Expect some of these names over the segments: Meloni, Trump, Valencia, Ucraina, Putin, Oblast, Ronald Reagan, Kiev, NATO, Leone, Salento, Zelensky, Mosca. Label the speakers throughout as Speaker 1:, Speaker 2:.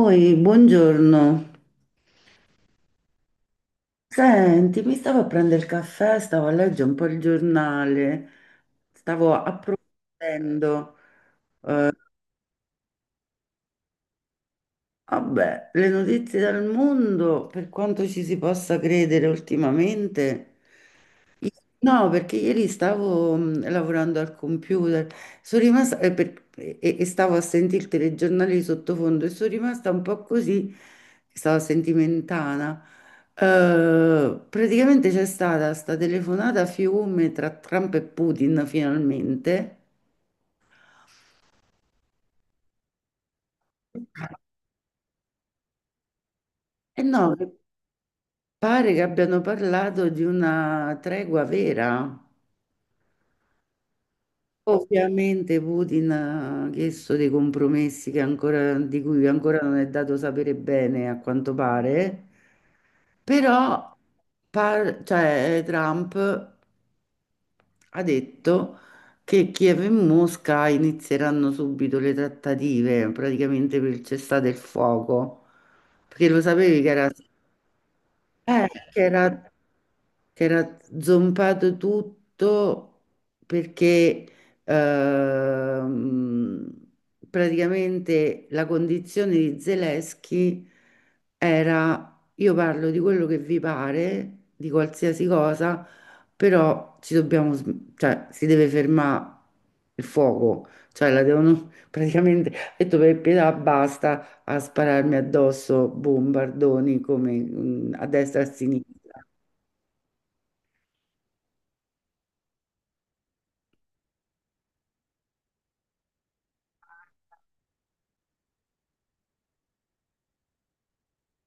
Speaker 1: Oi, buongiorno. Senti, mi stavo a prendere il caffè, stavo a leggere un po' il giornale, stavo approfondendo. Vabbè, le notizie dal mondo, per quanto ci si possa credere ultimamente, i- no, perché ieri stavo lavorando al computer, sono rimasta, e stavo a sentire il telegiornale di sottofondo e sono rimasta un po' così, stavo sentimentana. Eh, praticamente c'è stata sta telefonata a fiume tra Trump e Putin finalmente. E no, pare che abbiano parlato di una tregua vera. Ovviamente Putin ha chiesto dei compromessi che di cui ancora non è dato sapere bene, a quanto pare, però cioè, Trump ha detto che Kiev e Mosca inizieranno subito le trattative, praticamente per il cessate il fuoco, perché lo sapevi che era, che era che era zompato tutto, perché ehm, praticamente la condizione di Zelensky era: io parlo di quello che vi pare, di qualsiasi cosa, però ci dobbiamo, cioè si deve fermare il fuoco, cioè la devono praticamente, ha detto per pietà basta a spararmi addosso bombardoni come a destra e a sinistra.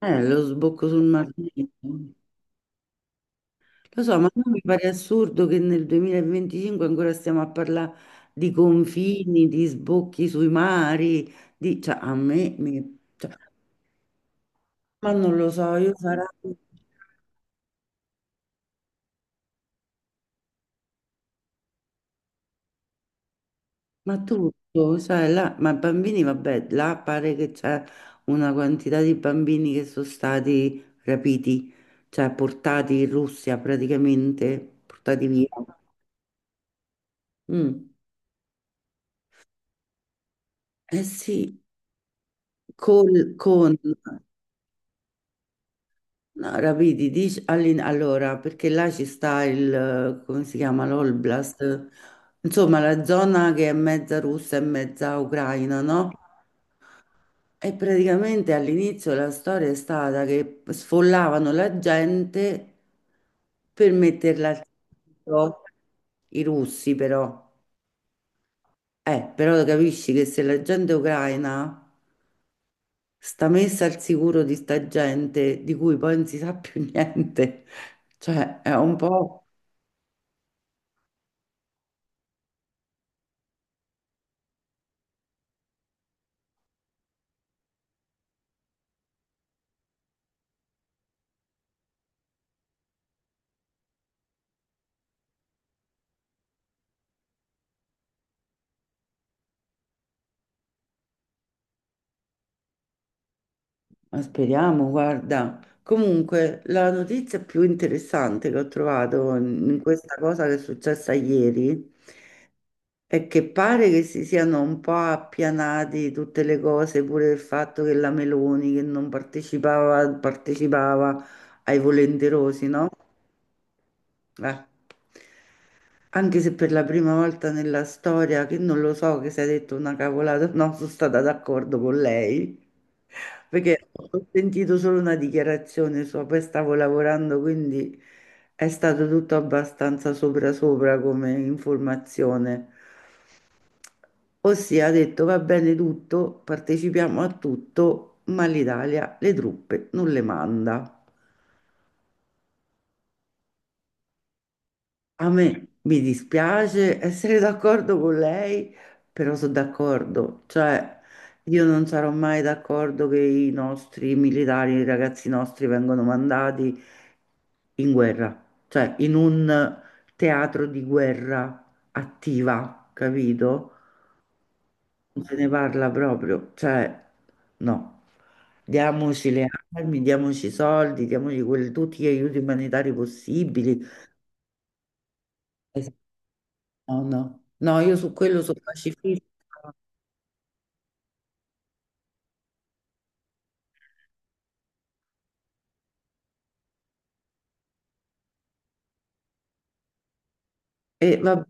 Speaker 1: Lo sbocco sul margine. Lo so, ma non mi pare assurdo che nel 2025 ancora stiamo a parlare di confini, di sbocchi sui mari, di, cioè, a me, cioè, ma non lo so, io sarà. Ma tutto, sai, là, ma bambini, vabbè, là pare che c'è una quantità di bambini che sono stati rapiti, cioè portati in Russia praticamente, portati via. Mm. Eh sì, col- con no, rapidi, dici, allora, perché là ci sta il, come si chiama, l'Oblast, insomma la zona che è mezza russa e mezza ucraina, no? E praticamente all'inizio la storia è stata che sfollavano la gente per metterla al centro, i russi però. Però capisci che se la gente ucraina sta messa al sicuro di sta gente di cui poi non si sa più niente. Cioè, è un po', ma speriamo, guarda. Comunque, la notizia più interessante che ho trovato in questa cosa che è successa ieri è che pare che si siano un po' appianati tutte le cose, pure il fatto che la Meloni che non partecipava, partecipava ai volenterosi, no? Eh, Anche se per la prima volta nella storia, che non lo so che si è detto una cavolata, no, sono stata d'accordo con lei, perché ho sentito solo una dichiarazione sua, poi stavo lavorando, quindi è stato tutto abbastanza sopra sopra come informazione. Ossia ha detto: va bene tutto, partecipiamo a tutto, ma l'Italia le truppe non le manda. A me mi dispiace essere d'accordo con lei, però sono d'accordo, cioè io non sarò mai d'accordo che i nostri militari, i ragazzi nostri vengano mandati in guerra, cioè in un teatro di guerra attiva, capito? Non se ne parla proprio, cioè no. Diamoci le armi, diamoci i soldi, diamoci tutti gli aiuti umanitari possibili. No, no, no, io su quello sono pacifista. E vabbè,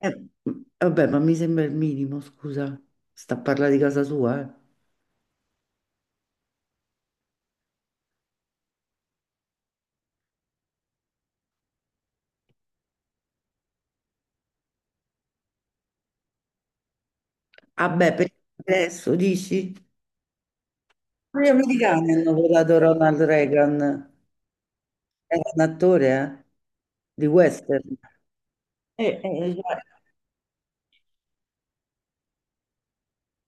Speaker 1: eh, ma mi sembra il minimo, scusa. Sta a parlare di casa sua, eh. Vabbè, per adesso dici? Ma gli americani hanno votato Ronald Reagan. Era un attore, eh? Di western. Cioè,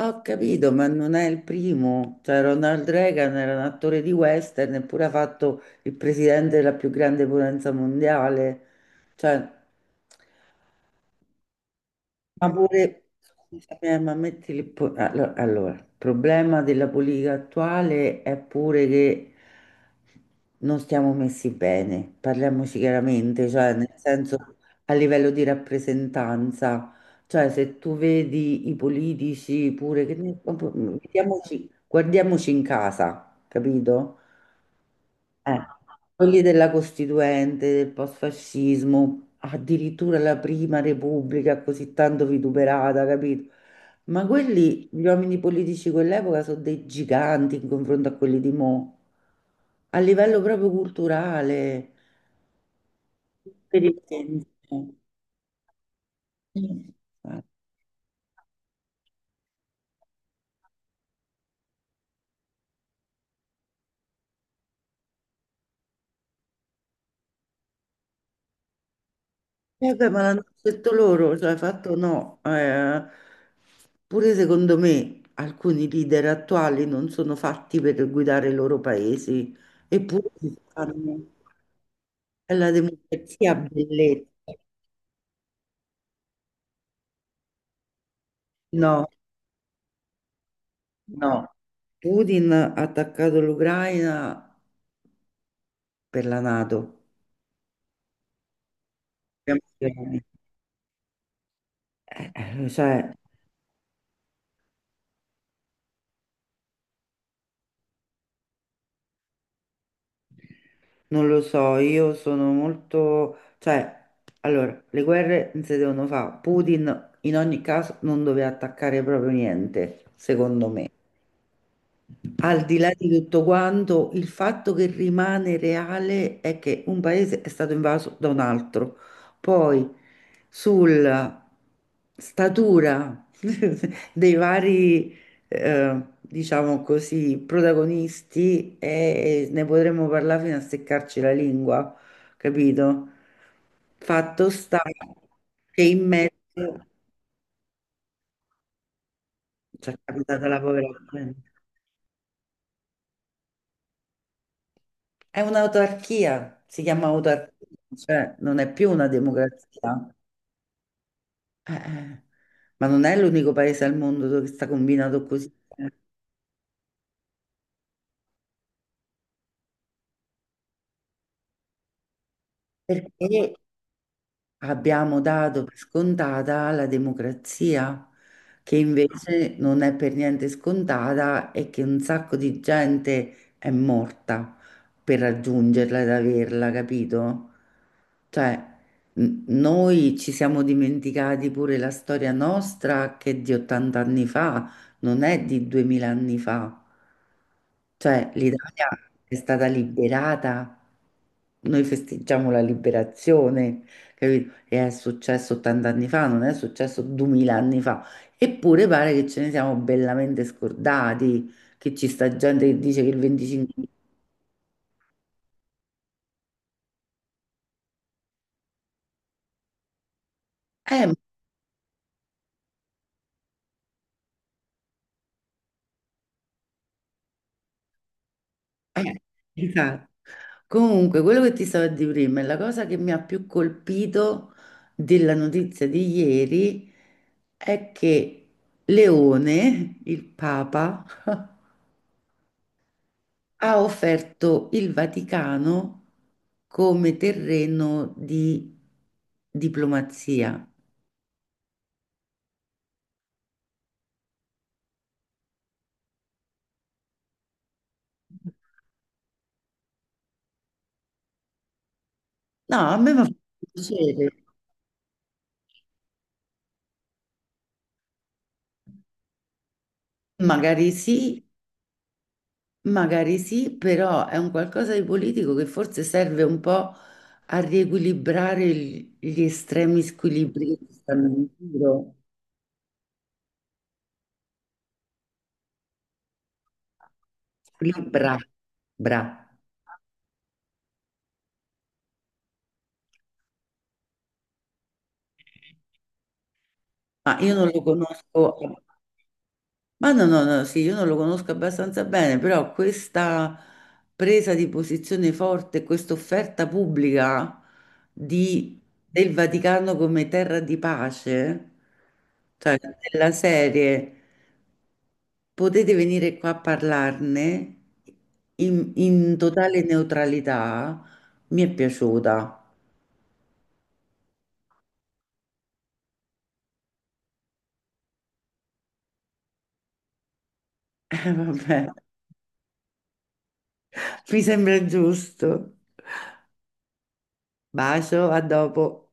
Speaker 1: ho capito, ma non è il primo. Cioè, Ronald Reagan era un attore di western, eppure ha fatto il presidente della più grande potenza mondiale. Cioè. Ma pure, scusami, ma metti allora, il problema della politica attuale è pure che non stiamo messi bene, parliamoci chiaramente, cioè nel senso a livello di rappresentanza, cioè se tu vedi i politici pure, proprio, guardiamoci in casa, capito? Eh, Quelli della Costituente, del post-fascismo, addirittura la prima Repubblica così tanto vituperata, capito? Ma quelli, gli uomini politici di quell'epoca sono dei giganti in confronto a quelli di mo', a livello proprio culturale, per il senso. Eh beh, ma l'hanno detto loro, cioè fatto no, pure secondo me alcuni leader attuali non sono fatti per guidare i loro paesi, eppure si fanno. È la democrazia bellezza. No, no. Putin ha attaccato l'Ucraina per la NATO. Siamo chiari. Cioè, non lo so, io sono molto, cioè, allora, le guerre non si devono fare. Putin in ogni caso non doveva attaccare proprio niente, secondo me. Al di là di tutto quanto, il fatto che rimane reale è che un paese è stato invaso da un altro. Poi sulla statura dei vari, diciamo così, protagonisti, ne potremmo parlare fino a seccarci la lingua, capito? Fatto sta che in mezzo ci è capitata la povera gente. È un'autarchia, si chiama autarchia, cioè non è più una democrazia. Eh, eh. Ma non è l'unico paese al mondo dove sta combinato così. Perché abbiamo dato per scontata la democrazia, che invece non è per niente scontata e che un sacco di gente è morta per raggiungerla ed averla, capito? Cioè, noi ci siamo dimenticati pure la storia nostra che è di 80 anni fa, non è di 2000 anni fa. Cioè, l'Italia è stata liberata, noi festeggiamo la liberazione, capito? Che è successo 80 anni fa, non è successo 2000 anni fa, eppure pare che ce ne siamo bellamente scordati, che ci sta gente che dice che il 25. Eh, ma- eh, esatto. Comunque, quello che ti stavo a dire prima è la cosa che mi ha più colpito della notizia di ieri è che Leone, il Papa, ha offerto il Vaticano come terreno di diplomazia. No, a me fa piacere. Magari sì, magari sì, però è un qualcosa di politico che forse serve un po' a riequilibrare gli estremi squilibri che ci stanno in giro. Squilibra, bra. Ma io non lo conosco. Ma no, no, no, sì, io non lo conosco abbastanza bene, però questa presa di posizione forte, questa offerta pubblica di- del Vaticano come terra di pace, cioè della serie, potete venire qua a parlarne in totale neutralità, mi è piaciuta. Vabbè, mi sembra giusto. Bacio, a dopo.